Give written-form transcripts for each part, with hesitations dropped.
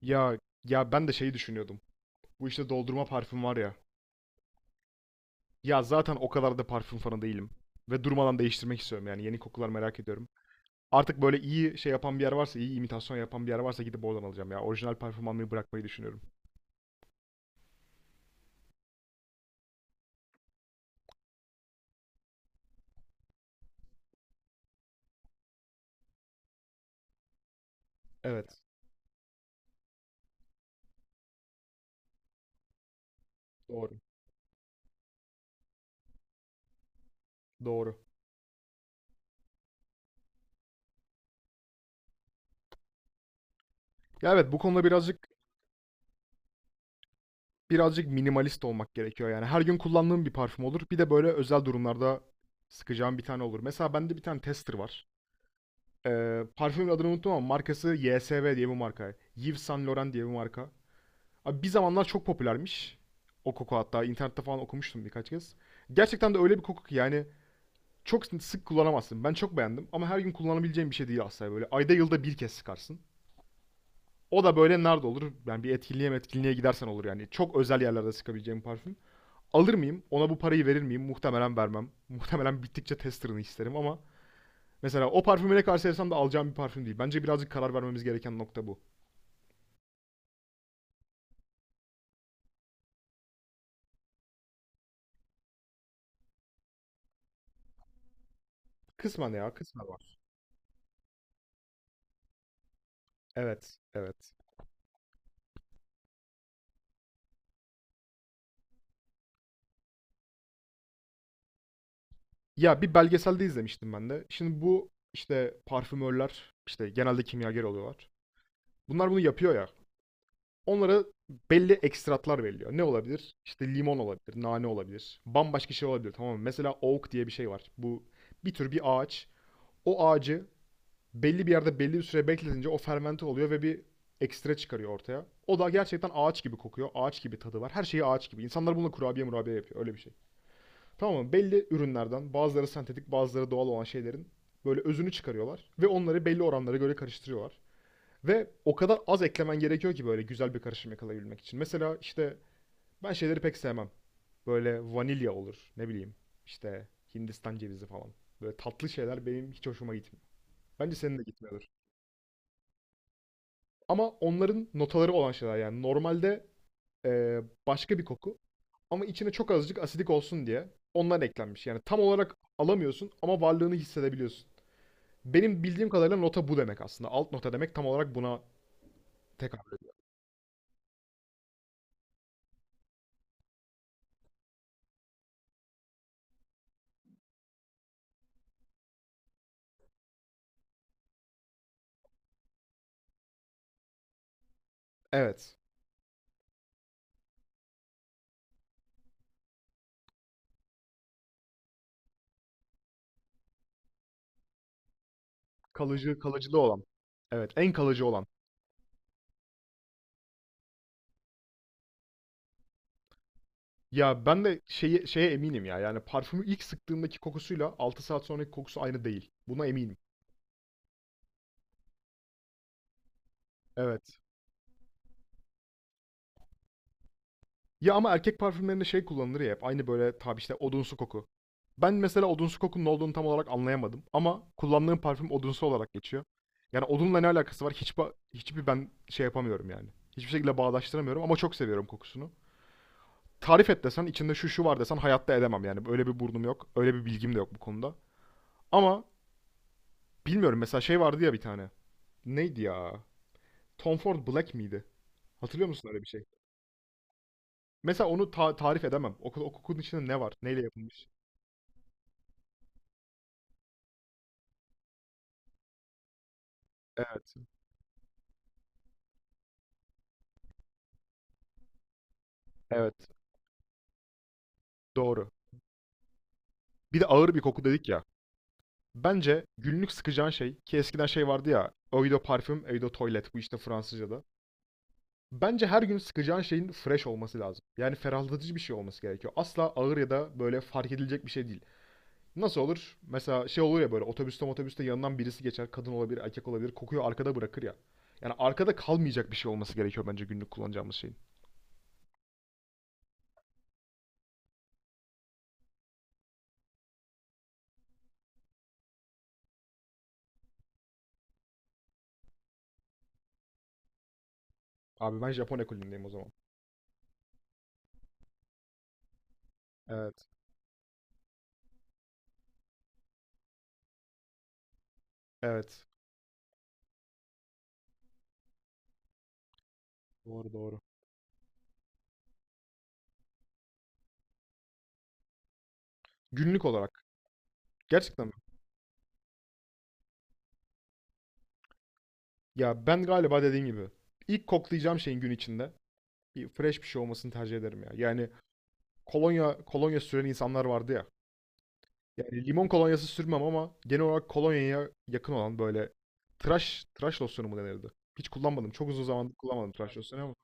Ya ya ben de şeyi düşünüyordum. Bu işte doldurma parfüm var ya. Ya zaten o kadar da parfüm fanı değilim. Ve durmadan değiştirmek istiyorum yani yeni kokular merak ediyorum. Artık böyle iyi şey yapan bir yer varsa, iyi imitasyon yapan bir yer varsa gidip oradan alacağım ya. Orijinal parfüm almayı bırakmayı düşünüyorum. Evet, doğru. Doğru. Ya evet bu konuda birazcık minimalist olmak gerekiyor yani. Her gün kullandığım bir parfüm olur. Bir de böyle özel durumlarda sıkacağım bir tane olur. Mesela bende bir tane tester var. Parfümün adını unuttum ama markası YSV diye bir marka. Yves Saint Laurent diye bir marka. Abi bir zamanlar çok popülermiş. O koku hatta internette falan okumuştum birkaç kez. Gerçekten de öyle bir koku ki yani çok sık kullanamazsın. Ben çok beğendim ama her gün kullanabileceğim bir şey değil aslında böyle. Ayda yılda bir kez sıkarsın. O da böyle nerede olur? Yani bir etkinliğe gidersen olur yani. Çok özel yerlerde sıkabileceğim parfüm. Alır mıyım? Ona bu parayı verir miyim? Muhtemelen vermem. Muhtemelen bittikçe testerını isterim ama mesela o parfümü ne karşılarsam da alacağım bir parfüm değil. Bence birazcık karar vermemiz gereken nokta bu. Kısmen ya, kısmen var. Evet, evet. Ya bir belgeselde izlemiştim ben de. Şimdi bu işte parfümörler işte genelde kimyager oluyorlar. Bunlar bunu yapıyor ya. Onlara belli ekstratlar veriliyor. Ne olabilir? İşte limon olabilir, nane olabilir. Bambaşka şey olabilir, tamam mı? Mesela oak diye bir şey var. Bu bir tür bir ağaç. O ağacı belli bir yerde belli bir süre bekletince o fermente oluyor ve bir ekstra çıkarıyor ortaya. O da gerçekten ağaç gibi kokuyor. Ağaç gibi tadı var. Her şeyi ağaç gibi. İnsanlar bununla kurabiye murabiye yapıyor. Öyle bir şey. Tamam mı? Belli ürünlerden bazıları sentetik bazıları doğal olan şeylerin böyle özünü çıkarıyorlar. Ve onları belli oranlara göre karıştırıyorlar. Ve o kadar az eklemen gerekiyor ki böyle güzel bir karışım yakalayabilmek için. Mesela işte ben şeyleri pek sevmem. Böyle vanilya olur, ne bileyim işte Hindistan cevizi falan. Böyle tatlı şeyler benim hiç hoşuma gitmiyor. Bence senin de gitmiyordur. Ama onların notaları olan şeyler yani normalde eee, başka bir koku ama içine çok azıcık asidik olsun diye ondan eklenmiş. Yani tam olarak alamıyorsun ama varlığını hissedebiliyorsun. Benim bildiğim kadarıyla nota bu demek aslında. Alt nota demek tam olarak buna tekabül ediyor. Evet. Kalıcı, kalıcılığı olan. Evet, en kalıcı olan. Ya ben de şeye eminim ya. Yani parfümü ilk sıktığımdaki kokusuyla 6 saat sonraki kokusu aynı değil. Buna eminim. Evet. Ya ama erkek parfümlerinde şey kullanılır ya hep. Aynı böyle tabi işte odunsu koku. Ben mesela odunsu kokunun ne olduğunu tam olarak anlayamadım. Ama kullandığım parfüm odunsu olarak geçiyor. Yani odunla ne alakası var? Hiç hiçbir ben şey yapamıyorum yani. Hiçbir şekilde bağdaştıramıyorum ama çok seviyorum kokusunu. Tarif et desen içinde şu şu var desen hayatta edemem yani. Öyle bir burnum yok. Öyle bir bilgim de yok bu konuda. Ama bilmiyorum, mesela şey vardı ya bir tane. Neydi ya? Tom Ford Black miydi? Hatırlıyor musun öyle bir şey? Mesela onu tarif edemem. O, o kokunun içinde ne var? Neyle yapılmış? Evet. Evet. Doğru. Bir de ağır bir koku dedik ya. Bence günlük sıkacağın şey, ki eskiden şey vardı ya. Eau de parfüm, eau de toilet bu işte Fransızca'da. Bence her gün sıkacağın şeyin fresh olması lazım. Yani ferahlatıcı bir şey olması gerekiyor. Asla ağır ya da böyle fark edilecek bir şey değil. Nasıl olur? Mesela şey olur ya, böyle otobüste yanından birisi geçer. Kadın olabilir, erkek olabilir. Kokuyu arkada bırakır ya. Yani arkada kalmayacak bir şey olması gerekiyor bence günlük kullanacağımız şeyin. Abi ben Japon ekolündeyim o zaman. Evet. Evet. Doğru doğru. Günlük olarak. Gerçekten mi? Ya ben galiba dediğim gibi ilk koklayacağım şeyin gün içinde bir fresh bir şey olmasını tercih ederim ya. Yani kolonya süren insanlar vardı ya. Yani limon kolonyası sürmem ama genel olarak kolonyaya yakın olan böyle tıraş losyonu mu denirdi? Hiç kullanmadım. Çok uzun zamandır kullanmadım tıraş losyonu ama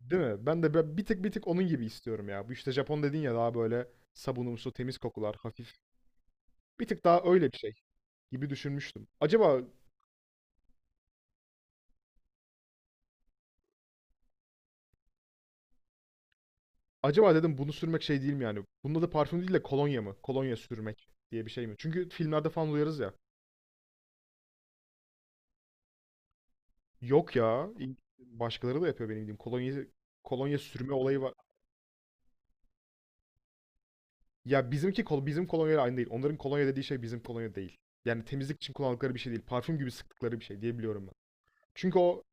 değil mi? Ben de bir tık bir tık onun gibi istiyorum ya. Bu işte Japon dedin ya daha böyle sabunumsu, temiz kokular, hafif. Bir tık daha öyle bir şey gibi düşünmüştüm. Acaba dedim bunu sürmek şey değil mi yani? Bunda da parfüm değil de kolonya mı? Kolonya sürmek diye bir şey mi? Çünkü filmlerde falan duyarız ya. Yok ya. Başkaları da yapıyor benim bildiğim. Kolonya sürme olayı var. Ya bizimki bizim kolonyayla aynı değil. Onların kolonya dediği şey bizim kolonya değil. Yani temizlik için kullandıkları bir şey değil. Parfüm gibi sıktıkları bir şey diye biliyorum ben. Çünkü o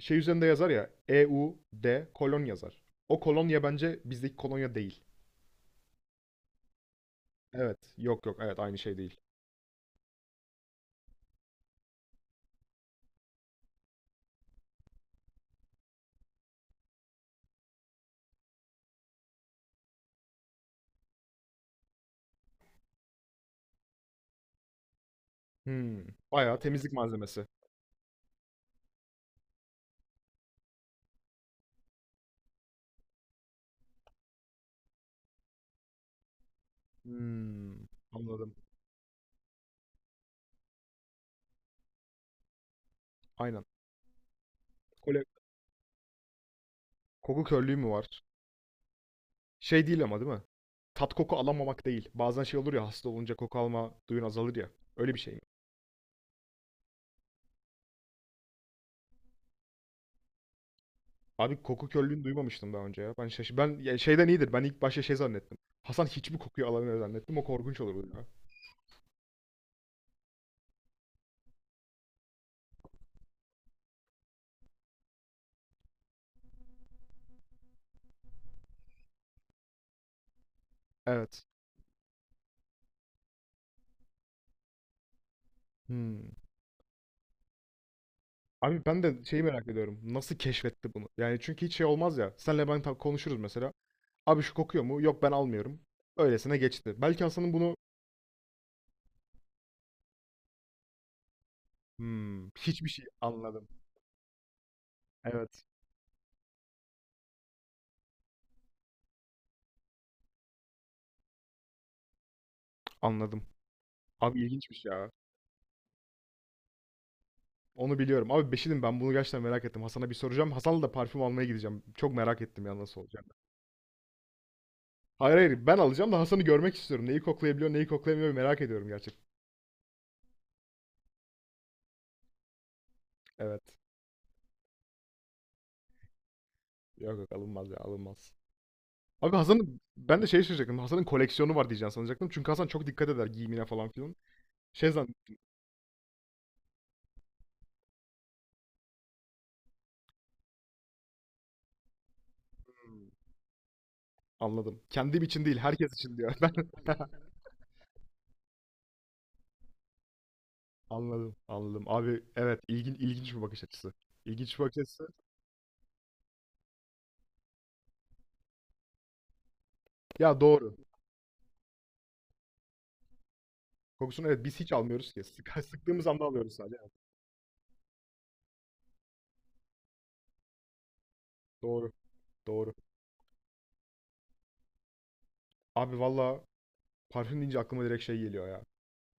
şey üzerinde yazar ya, E U D kolon yazar. O kolonya bence bizdeki kolonya değil. Evet. Yok yok, evet aynı şey değil. Hmm. Bayağı temizlik malzemesi. Hmm. Anladım. Aynen. Kole Koku körlüğü mü var? Şey değil ama, değil mi? Tat koku alamamak değil. Bazen şey olur ya, hasta olunca koku alma duyun azalır ya. Öyle bir şey mi? Abi koku körlüğünü duymamıştım daha önce ya. Ben şaş ben ya şeyden iyidir. Ben ilk başta şey zannettim. Hasan hiçbir kokuyu alamıyor zannettim. O korkunç olurdu ya. Evet. Hmm. Abi ben de şeyi merak ediyorum. Nasıl keşfetti bunu? Yani çünkü hiç şey olmaz ya. Senle ben konuşuruz mesela. Abi şu kokuyor mu? Yok, ben almıyorum. Öylesine geçti. Belki Hasan'ın bunu hmm, hiçbir şey anladım. Evet. Anladım. Abi ilginçmiş ya. Onu biliyorum. Abi Beşirim, ben bunu gerçekten merak ettim. Hasan'a bir soracağım. Hasan'la da parfüm almaya gideceğim. Çok merak ettim ya nasıl olacak. Hayır hayır, ben alacağım da Hasan'ı görmek istiyorum. Neyi koklayabiliyor, neyi koklayamıyor merak ediyorum gerçekten. Evet. Yok yok, alınmaz ya, alınmaz. Abi Hasan'ın ben de şey şaşıracaktım. Hasan'ın koleksiyonu var diyeceğim sanacaktım. Çünkü Hasan çok dikkat eder giyimine falan filan. Şey zan Hmm, anladım. Kendim için değil herkes için diyor. Ben anladım anladım. Abi evet, ilginç bir bakış açısı. İlginç bir bakış açısı. Ya doğru. Kokusunu evet biz hiç almıyoruz ki. Sıktığımız anda alıyoruz sadece. Evet, doğru doğru. Abi valla parfüm deyince aklıma direkt şey geliyor ya.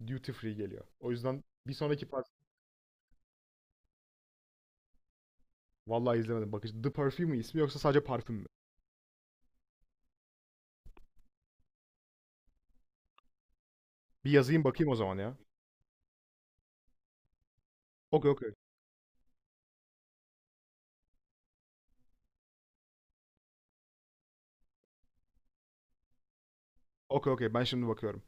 Duty free geliyor. O yüzden bir sonraki parfüm vallahi izlemedim. Bakıcı The Perfume mi ismi yoksa sadece parfüm mü? Bir yazayım bakayım o zaman ya. Okey okey. Okey okey ben şimdi bakıyorum.